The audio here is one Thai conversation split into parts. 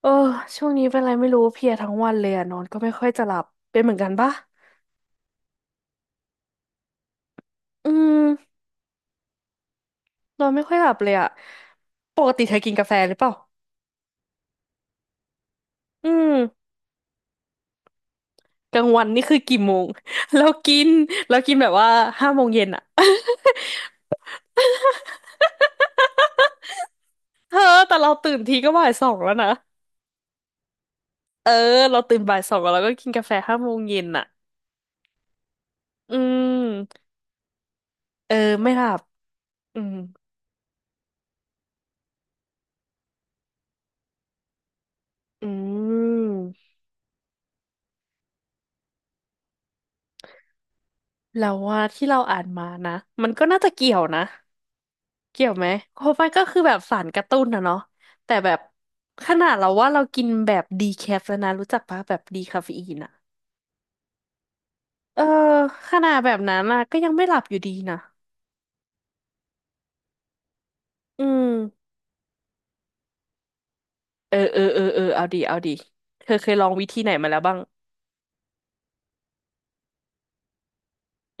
เออช่วงนี้เป็นอะไรไม่รู้เพลียทั้งวันเลยอะนอนก็ไม่ค่อยจะหลับเป็นเหมือนกันปะอืมนอนไม่ค่อยหลับเลยอะปกติเธอกินกาแฟหรือเปล่าอืมกลางวันนี่คือกี่โมง เรากินแบบว่าห้าโมงเย็นอะ เธอแต่เราตื่นทีก็บ่ายสองแล้วนะเออเราตื่นบ่ายสองแล้วเราก็กินกาแฟห้าโมงเย็นอะอืมเออไม่หลับอืมอืมแล้วว่าที่เราอ่านมานะมันก็น่าจะเกี่ยวนะ เกี่ยวไหมเพราะมันก็คือแบบสารกระตุ้นนะเนาะแต่แบบขนาดเราว่าเรากินแบบดีแคฟแล้วนะรู้จักปะแบบดีคาเฟอีนอะเออขนาดแบบนั้นอะก็ยังไม่หลับอยู่ดีนะ อืมเออเอาดีเธอเคยลองวิธีไหนมาแล้วบ้าง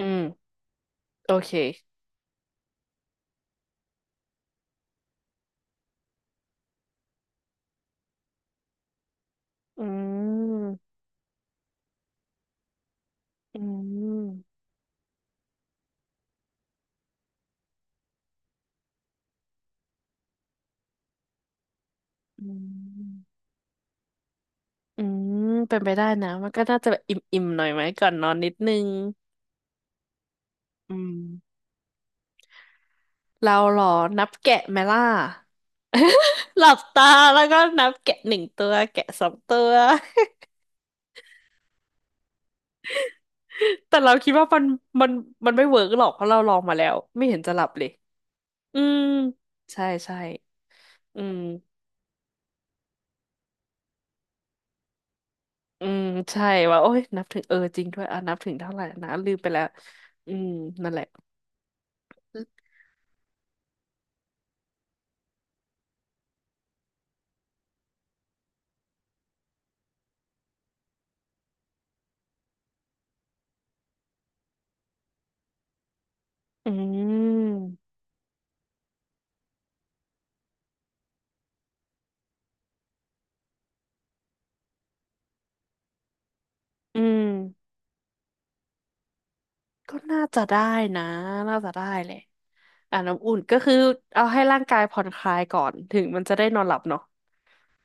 อืมโอเคอืมอืมอืมอืมเป็นไปได้นะมันก็น่าจะแบบอิ่มๆหน่อยไหมก่อนนอนนิดนึง อืมเราเหรอนับแกะไหมล่ะ หลับตาแล้วก็นับแกะหนึ่งตัวแกะสองตัวแต่เราคิดว่ามันมันมันไม่เวิร์กหรอกเพราะเราลองมาแล้วไม่เห็นจะหลับเลยอืมใช่ใช่อืมอืมใช่ว่าโอ๊ยนับถึงจริงด้วยอ่ะนับถึงเท่าไหร่นะลืมไปแล้วอืมนั่นแหละอืมอืมก็น่าจะได้นะน่าจะได้แหละอ่ะน้ำอุ่นก็คือเอาให้ร่างกายผ่อนคลายก่อนถึงมันจะได้นอนหลับเนาะ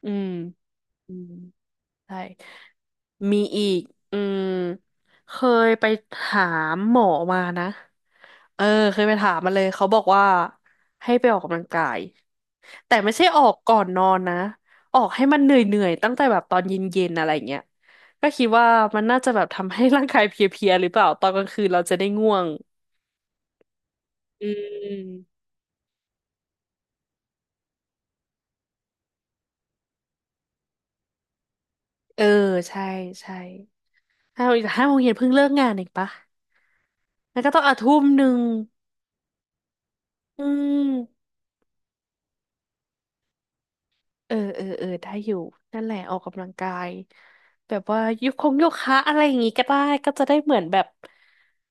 อืมอืมใช่ มีอีกอืมเคยไปถามหมอมานะ เออเคยไปถามมาเลย เขาบอกว่าให้ไปออกกำลังกายแต่ไม่ใช่ออกก่อนนอนนะออกให้มันเหนื่อยๆตั้งแต่แบบตอนเย็นๆอะไรเงี้ยก็คิดว่ามันน่าจะแบบทำให้ร่างกายเพลียๆหรือเปล่าตอนกลางคืนเราจะได้ง่วงอืมเออใช่ใช่ห้าโมงเย็นเพิ่งเลิกงานเองปะแล้วก็ต้องอ่ะทุ่มหนึ่งอืม เออได้อยู่นั่นแหละออกกำลังกายแบบว่ายุคคงโยคะอะไรอย่างงี้ก็ได้ก็จะได้เหมือนแบบ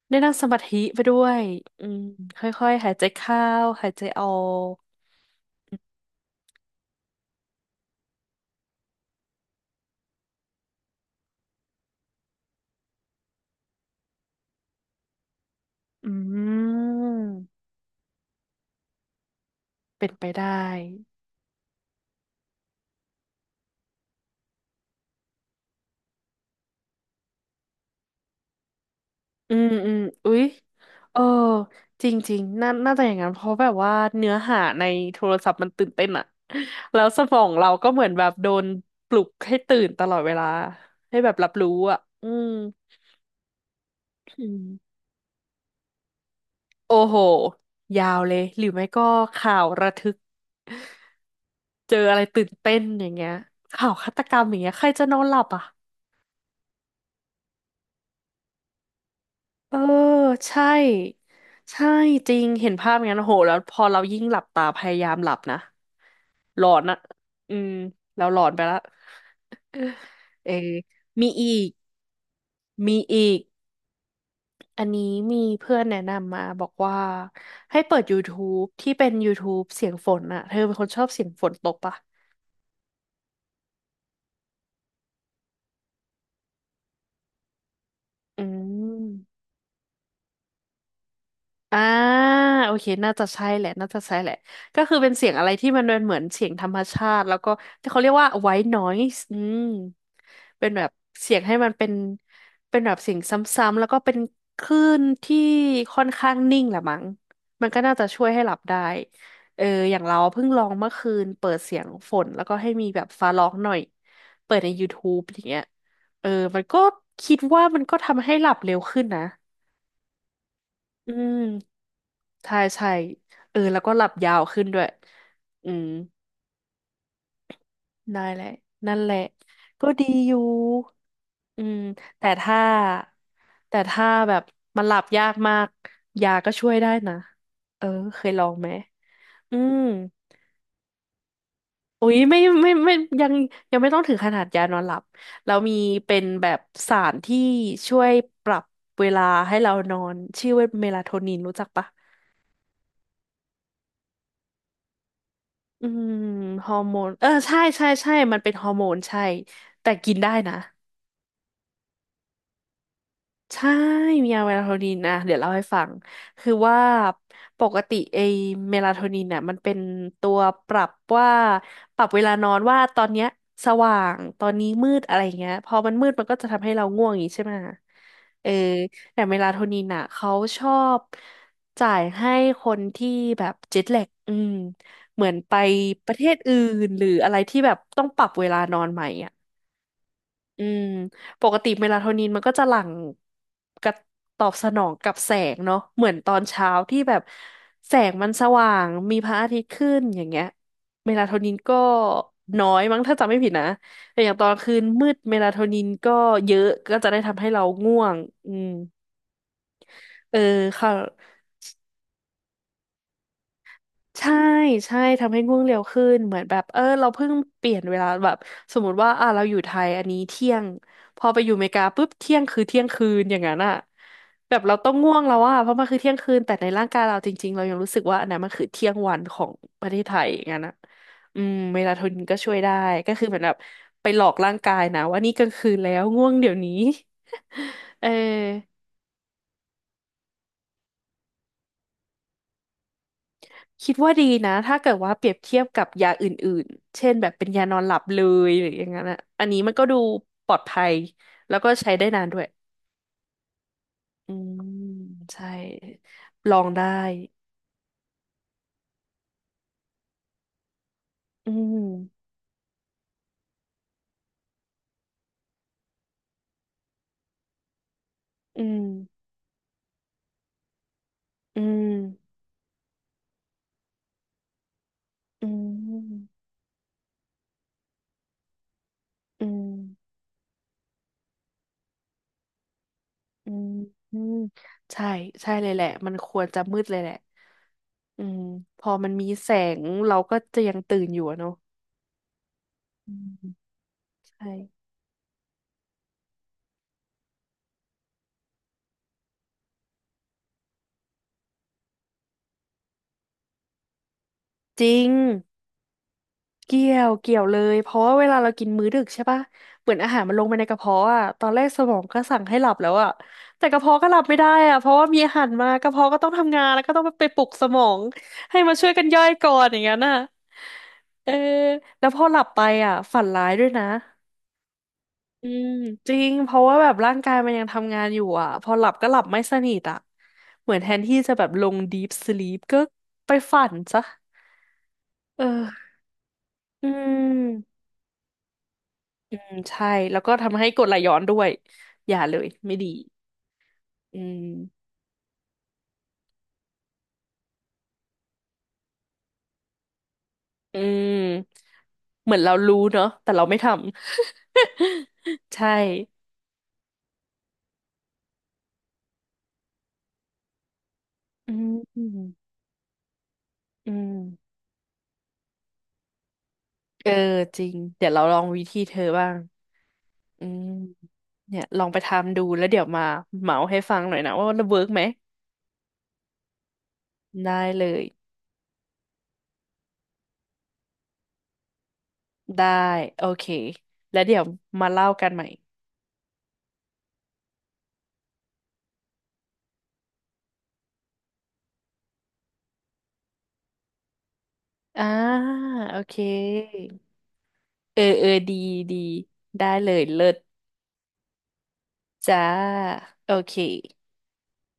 ได้นั่งสมาธิไปด้วยอืมค่อยๆหายใจเข้าหายใจออกอืมเป็นไปได้อืมอืมอุ๊ยเออจริงๆน่าน่าจะอย่างนั้นเพราะแบบว่าเนื้อหาในโทรศัพท์มันตื่นเต้นอะแล้วสมองเราก็เหมือนแบบโดนปลุกให้ตื่นตลอดเวลาให้แบบรับรู้อะอืม อืมโอ้โหยาวเลยหรือไม่ก็ข่าวระทึกเจออะไรตื่นเต้นอย่างเงี้ยข่าวฆาตกรรมอย่างเงี้ยใครจะนอนหลับอ่ะเออใช่ใช่จริงเห็นภาพอย่างนั้นโอ้โหแล้วพอเรายิ่งหลับตาพยายามหลับนะหลอนอะอืมเราหลอนไปละเออมีอีกมีอีกอันนี้มีเพื่อนแนะนำมาบอกว่าให้เปิด YouTube ที่เป็น YouTube เสียงฝนอะเธอเป็นคนชอบเสียงฝนตกปะอืม อ่าโอเคน่าจะใช่แหละน่าจะใช่แหละก็คือเป็นเสียงอะไรที่มันเป็นเหมือนเสียงธรรมชาติแล้วก็ที่เขาเรียกว่า white noise อืมเป็นแบบเสียงให้มันเป็นแบบเสียงซ้ำๆแล้วก็เป็นคลื่นที่ค่อนข้างนิ่งแหละมั้งมันก็น่าจะช่วยให้หลับได้เอออย่างเราเพิ่งลองเมื่อคืนเปิดเสียงฝนแล้วก็ให้มีแบบฟ้าร้องหน่อยเปิดใน YouTube อย่างเงี้ยเออมันคิดว่ามันก็ทำให้หลับเร็วขึ้นนะอืม ใช่ใช่เออแล้วก็หลับยาวขึ้นด้วยอืมได้แหละนั่นแหละก็ดีอยู่อืมแต่ถ้าแบบมันหลับยากมากยาก็ช่วยได้นะ เออเคยลองไหมอืมอุ๊ยไม่ยังไม่ต้องถึงขนาดยานอนหลับแล้วมีเป็นแบบสารที่ช่วยปรับเวลาให้เรานอนชื่อว่าเมลาโทนินรู้จักปะ อืมฮอร์โมน เออใช่ใช่มันเป็นฮอร์โมนใช่ แต่กินได้นะ ใช่ มียาเมลาโทนินนะเดี๋ยวเล่าให้ฟังคือว่าปกติไอเมลาโทนินน่ะมันเป็นตัวปรับว่าปรับเวลานอนว่าตอนเนี้ยสว่าง ตอนนี้มืดอะไรเงี้ยพอมันมืดมันก็จะทำให้เราง่วงอย่างงี้ใช่ไหมเออแต่เมลาโทนินน่ะเขาชอบจ่ายให้คนที่แบบเจ็ตแลกอืมเหมือนไปประเทศอื่นหรืออะไรที่แบบต้องปรับเวลานอนใหม่อ่ะ อืมปกติเมลาโทนินมันก็จะหลั่งกับตอบสนองกับแสงเนาะเหมือนตอนเช้าที่แบบแสงมันสว่างมีพระอาทิตย์ขึ้นอย่างเงี้ยเมลาโทนินก็น้อยมั้งถ้าจำไม่ผิดนะแต่อย่างตอนกลางคืนมืดเมลาโทนินก็เยอะก็จะได้ทำให้เราง่วงอืมเออค่ะ ใช่ใช่ทำให้ง่วงเร็วขึ้นเหมือนแบบเออเราเพิ่งเปลี่ยนเวลาแบบสมมติว่าอ่ะเราอยู่ไทยอันนี้เที่ยงพอไปอยู่อเมริกาปุ๊บเที่ยงคือเที่ยงคืนอย่างนั้นอ่ะแบบเราต้องง่วงแล้วอ่ะเพราะมันคือเที่ยงคืนแต่ในร่างกายเราจริงๆเรายังรู้สึกว่าอันนั้นมันคือเที่ยงวันของประเทศไทยอย่างนั้นอ่ะอืมเมลาโทนินก็ช่วยได้ก็คือเหมือนแบบไปหลอกร่างกายนะว่านี่กลางคืนแล้วง่วงเดี๋ยวนี้ เออ คิดว่าดีนะถ้าเกิดว่าเปรียบเทียบกับยาอื่นๆเช่นแบบเป็นยานอนหลับเลยหรืออย่างนั้นอะอันนี้มันก็ดูปลอดภัยแล้วก็ใช้ได้นานด้วยอืมใช่ลองได้อืมอืมอืมอืมอืมอืมอืมใช่ใช่เลยแหละมันควรจะมืดเลยแหละอืมพอมันมีแสงเราก็จะยังตื่นอยู่อะเนาะอืมใช่จริง เกี่ยวเกี่ยวเลยเพราะว่าเวลาเรากินมื้อดึกใช่ปะเหมือนอาหารมันลงไปในกระเพาะอ่ะตอนแรกสมองก็สั่งให้หลับแล้วอ่ะแต่กระเพาะก็หลับไม่ได้อ่ะเพราะว่ามีอาหารมากระเพาะก็ต้องทำงานแล้วก็ต้องไปปลุกสมองให้มาช่วยกันย่อยก่อนอย่างนั้นน่ะเออแล้วพอหลับไปอ่ะฝันร้ายด้วยนะอืมจริงเพราะว่าแบบร่างกายมันยังทำงานอยู่อ่ะพอหลับก็หลับไม่สนิทอ่ะเหมือนแทนที่จะแบบลง deep sleep ก็ไปฝันซะเอออืม อืมใช่แล้วก็ทำให้กรดไหลย้อนด้วยอย่าเลยไม่ดีอืมอืมเหมือนเรารู้เนาะแต่เราไม่ทำ ใช่อืมอืมอืมเออจริงเดี๋ยวเราลองวิธีเธอบ้างอืมเนี่ยลองไปทำดูแล้วเดี๋ยวมาเมาให้ฟังหน่อยนะว่ามันเวิร์กไหมได้เลยได้โอเคแล้วเดี๋ยวมาเล่ากันใหม่อ่าโอเคเออเออดีดีได้เลยเลิศ จ้าโอเค